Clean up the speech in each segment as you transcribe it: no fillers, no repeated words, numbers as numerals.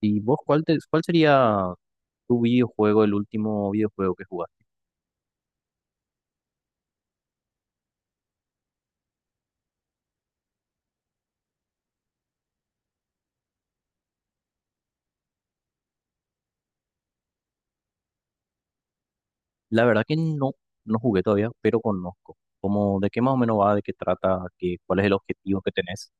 ¿Y vos cuál sería tu videojuego, el último videojuego que jugaste? La verdad que no jugué todavía, pero conozco. Como de qué más o menos va, de qué trata, qué, cuál es el objetivo que tenés.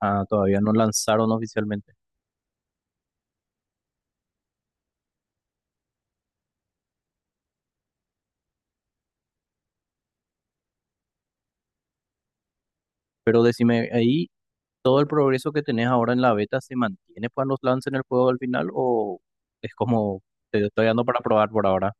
Ah, todavía no lanzaron oficialmente. Pero decime, ahí todo el progreso que tenés ahora en la beta se mantiene cuando lancen el juego al final o es como te estoy dando para probar por ahora.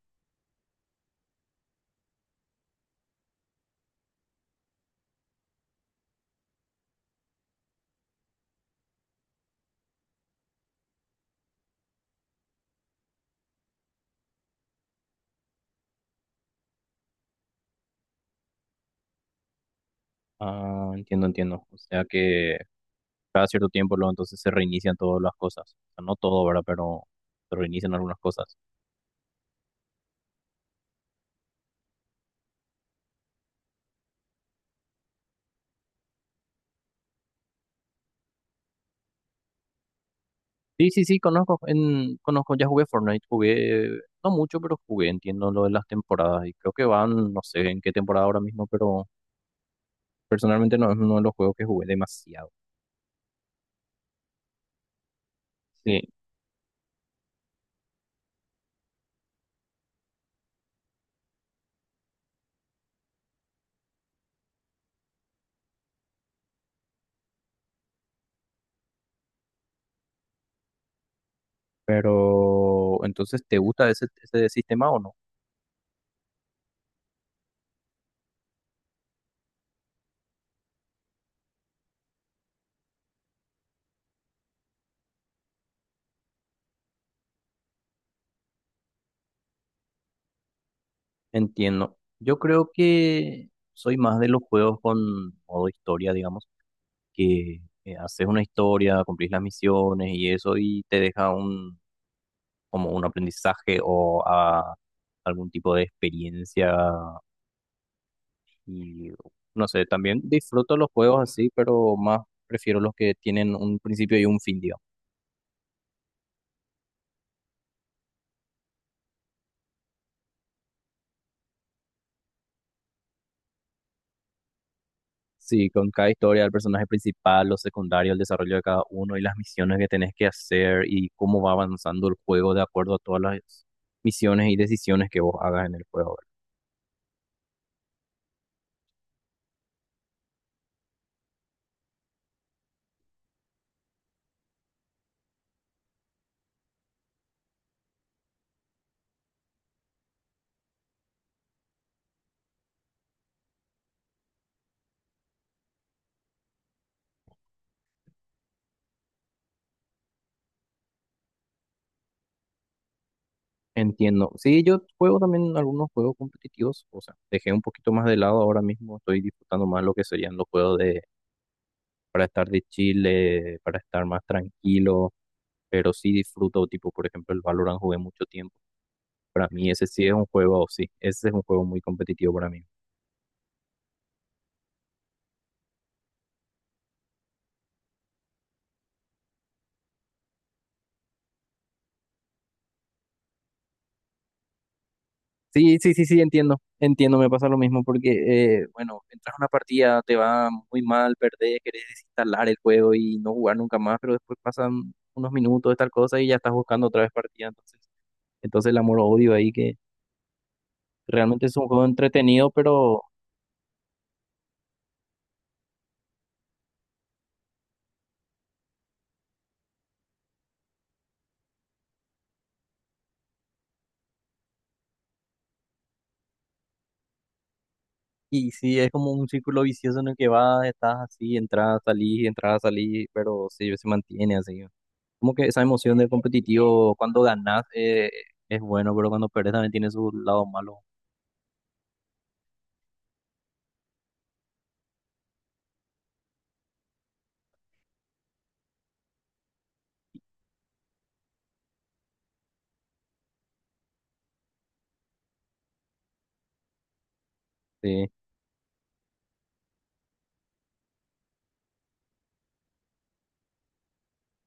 Ah, entiendo, entiendo. O sea que cada cierto tiempo luego entonces se reinician todas las cosas. O sea, no todo, ¿verdad? Pero se reinician algunas cosas. Sí, sí, sí, conozco, conozco, ya jugué Fortnite, jugué, no mucho, pero jugué, entiendo lo de las temporadas y creo que van, no sé en qué temporada ahora mismo, pero personalmente no es uno de los juegos que jugué demasiado. Sí, pero entonces, ¿te gusta ese, ese sistema o no? Entiendo. Yo creo que soy más de los juegos con modo historia, digamos, que haces una historia, cumplís las misiones y eso y te deja un, como un aprendizaje o a algún tipo de experiencia. Y no sé, también disfruto los juegos así, pero más prefiero los que tienen un principio y un fin, digamos. Sí, con cada historia, el personaje principal, los secundarios, el desarrollo de cada uno y las misiones que tenés que hacer y cómo va avanzando el juego de acuerdo a todas las misiones y decisiones que vos hagas en el juego, ¿verdad? Entiendo. Sí, yo juego también algunos juegos competitivos, o sea, dejé un poquito más de lado ahora mismo, estoy disfrutando más lo que serían los juegos de para estar de chile, para estar más tranquilo, pero sí disfruto, tipo, por ejemplo, el Valorant jugué mucho tiempo. Para mí ese sí es un juego, sí, ese es un juego muy competitivo para mí. Sí, sí, sí, sí, entiendo, entiendo, me pasa lo mismo porque, bueno, entras a una partida, te va muy mal, perdés, querés desinstalar el juego y no jugar nunca más, pero después pasan unos minutos de tal cosa y ya estás buscando otra vez partida, entonces el amor-odio ahí que realmente es un juego entretenido, pero... Y sí, es como un círculo vicioso en el que vas, estás así, entras, salís, pero sí, se mantiene así. Como que esa emoción del competitivo cuando ganas es bueno, pero cuando perdes también tiene su lado malo. Sí.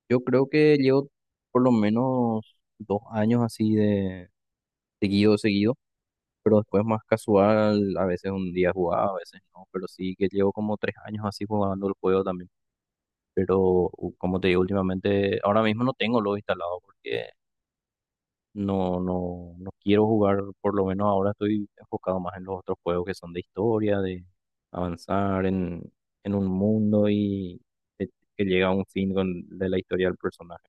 Yo creo que llevo por lo menos 2 años así de seguido, seguido, pero después más casual, a veces un día jugaba, a veces no, pero sí que llevo como 3 años así jugando el juego también. Pero como te digo, últimamente, ahora mismo no tengo lo instalado porque no, no, no quiero jugar, por lo menos ahora estoy enfocado más en los otros juegos que son de historia, de avanzar en un mundo y que, que llega a un fin con, de la historia del personaje.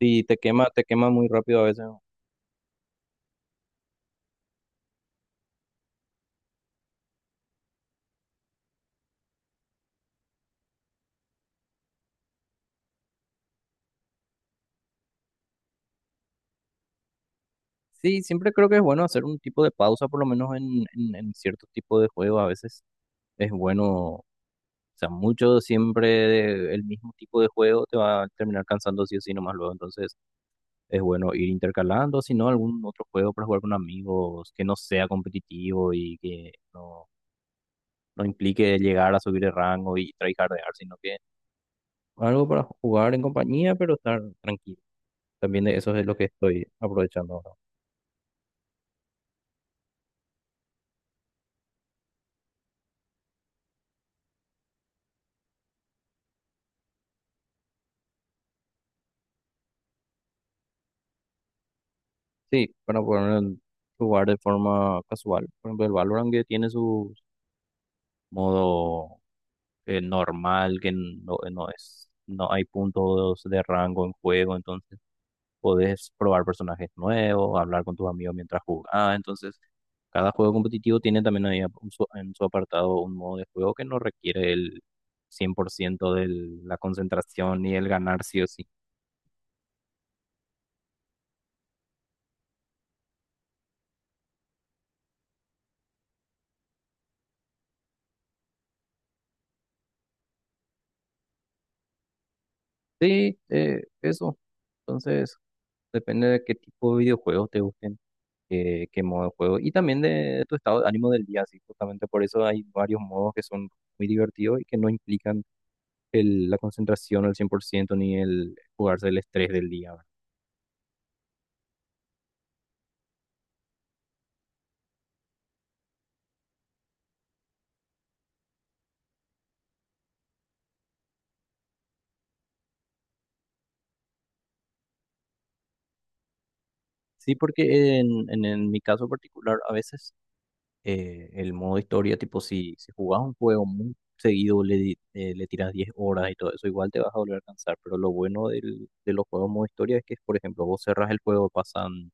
Sí, te quema muy rápido a veces, ¿no? Sí, siempre creo que es bueno hacer un tipo de pausa, por lo menos en cierto tipo de juego. A veces es bueno, o sea, mucho siempre el mismo tipo de juego te va a terminar cansando sí o sí nomás luego. Entonces es bueno ir intercalando, si no, algún otro juego para jugar con amigos que no sea competitivo y que no, no implique llegar a subir de rango y tryhardear, sino que algo para jugar en compañía, pero estar tranquilo. También de eso es lo que estoy aprovechando ahora. Sí, para poder jugar de forma casual. Por ejemplo, el Valorant que tiene su modo normal, que no, no es, no hay puntos de rango en juego, entonces podés probar personajes nuevos, hablar con tus amigos mientras jugás. Entonces, cada juego competitivo tiene también ahí en su apartado un modo de juego que no requiere el 100% de la concentración y el ganar sí o sí. Sí, eso. Entonces, depende de qué tipo de videojuegos te gusten, qué modo de juego y también de tu estado de ánimo del día. Así, justamente por eso hay varios modos que son muy divertidos y que no implican la concentración al 100% ni el jugarse el estrés del día. Sí, porque en mi caso particular, a veces el modo historia, tipo, si jugás un juego muy seguido, le tiras 10 horas y todo eso, igual te vas a volver a cansar. Pero lo bueno del, de los juegos modo historia es que, por ejemplo, vos cerrás el juego,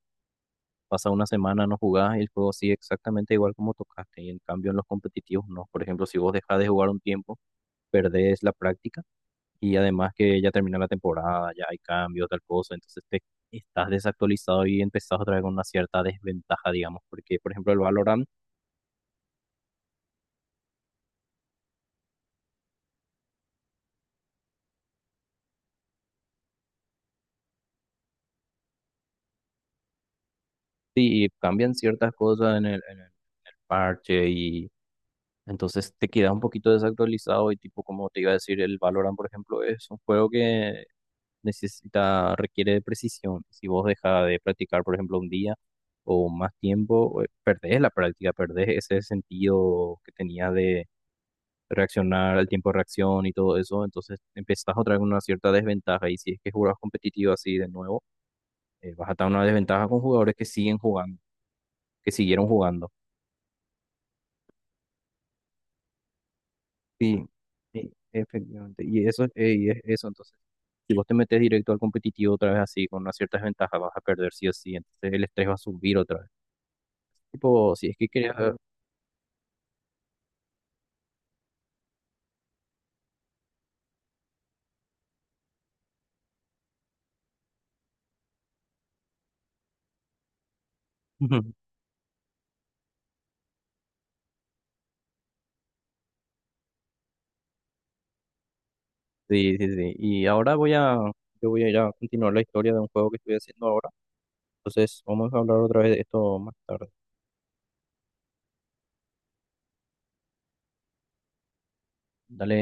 pasa una semana, no jugás y el juego sigue exactamente igual como tocaste. Y en cambio, en los competitivos, no. Por ejemplo, si vos dejás de jugar un tiempo, perdés la práctica. Y además que ya terminó la temporada, ya hay cambios, tal cosa, entonces te estás desactualizado y empezás otra vez con una cierta desventaja, digamos, porque por ejemplo el Valorant, sí, cambian ciertas cosas en en el parche y entonces te quedas un poquito desactualizado y tipo, como te iba a decir, el Valorant, por ejemplo, es un juego que necesita, requiere de precisión. Si vos dejas de practicar, por ejemplo, un día o más tiempo, perdés la práctica, perdés ese sentido que tenías de reaccionar, el tiempo de reacción y todo eso, entonces empezás otra vez con una cierta desventaja y si es que jugás competitivo así de nuevo, vas a estar en una desventaja con jugadores que siguen jugando, que siguieron jugando. Sí, sí, efectivamente. Y eso, y es eso, entonces, si vos te metes directo al competitivo otra vez así, con una cierta desventaja, vas a perder sí o sí, entonces el estrés va a subir otra vez. Tipo, si es que quería... Sí, sí, sí. Y ahora voy a, yo voy a ir a continuar la historia de un juego que estoy haciendo ahora. Entonces, vamos a hablar otra vez de esto más tarde. Dale.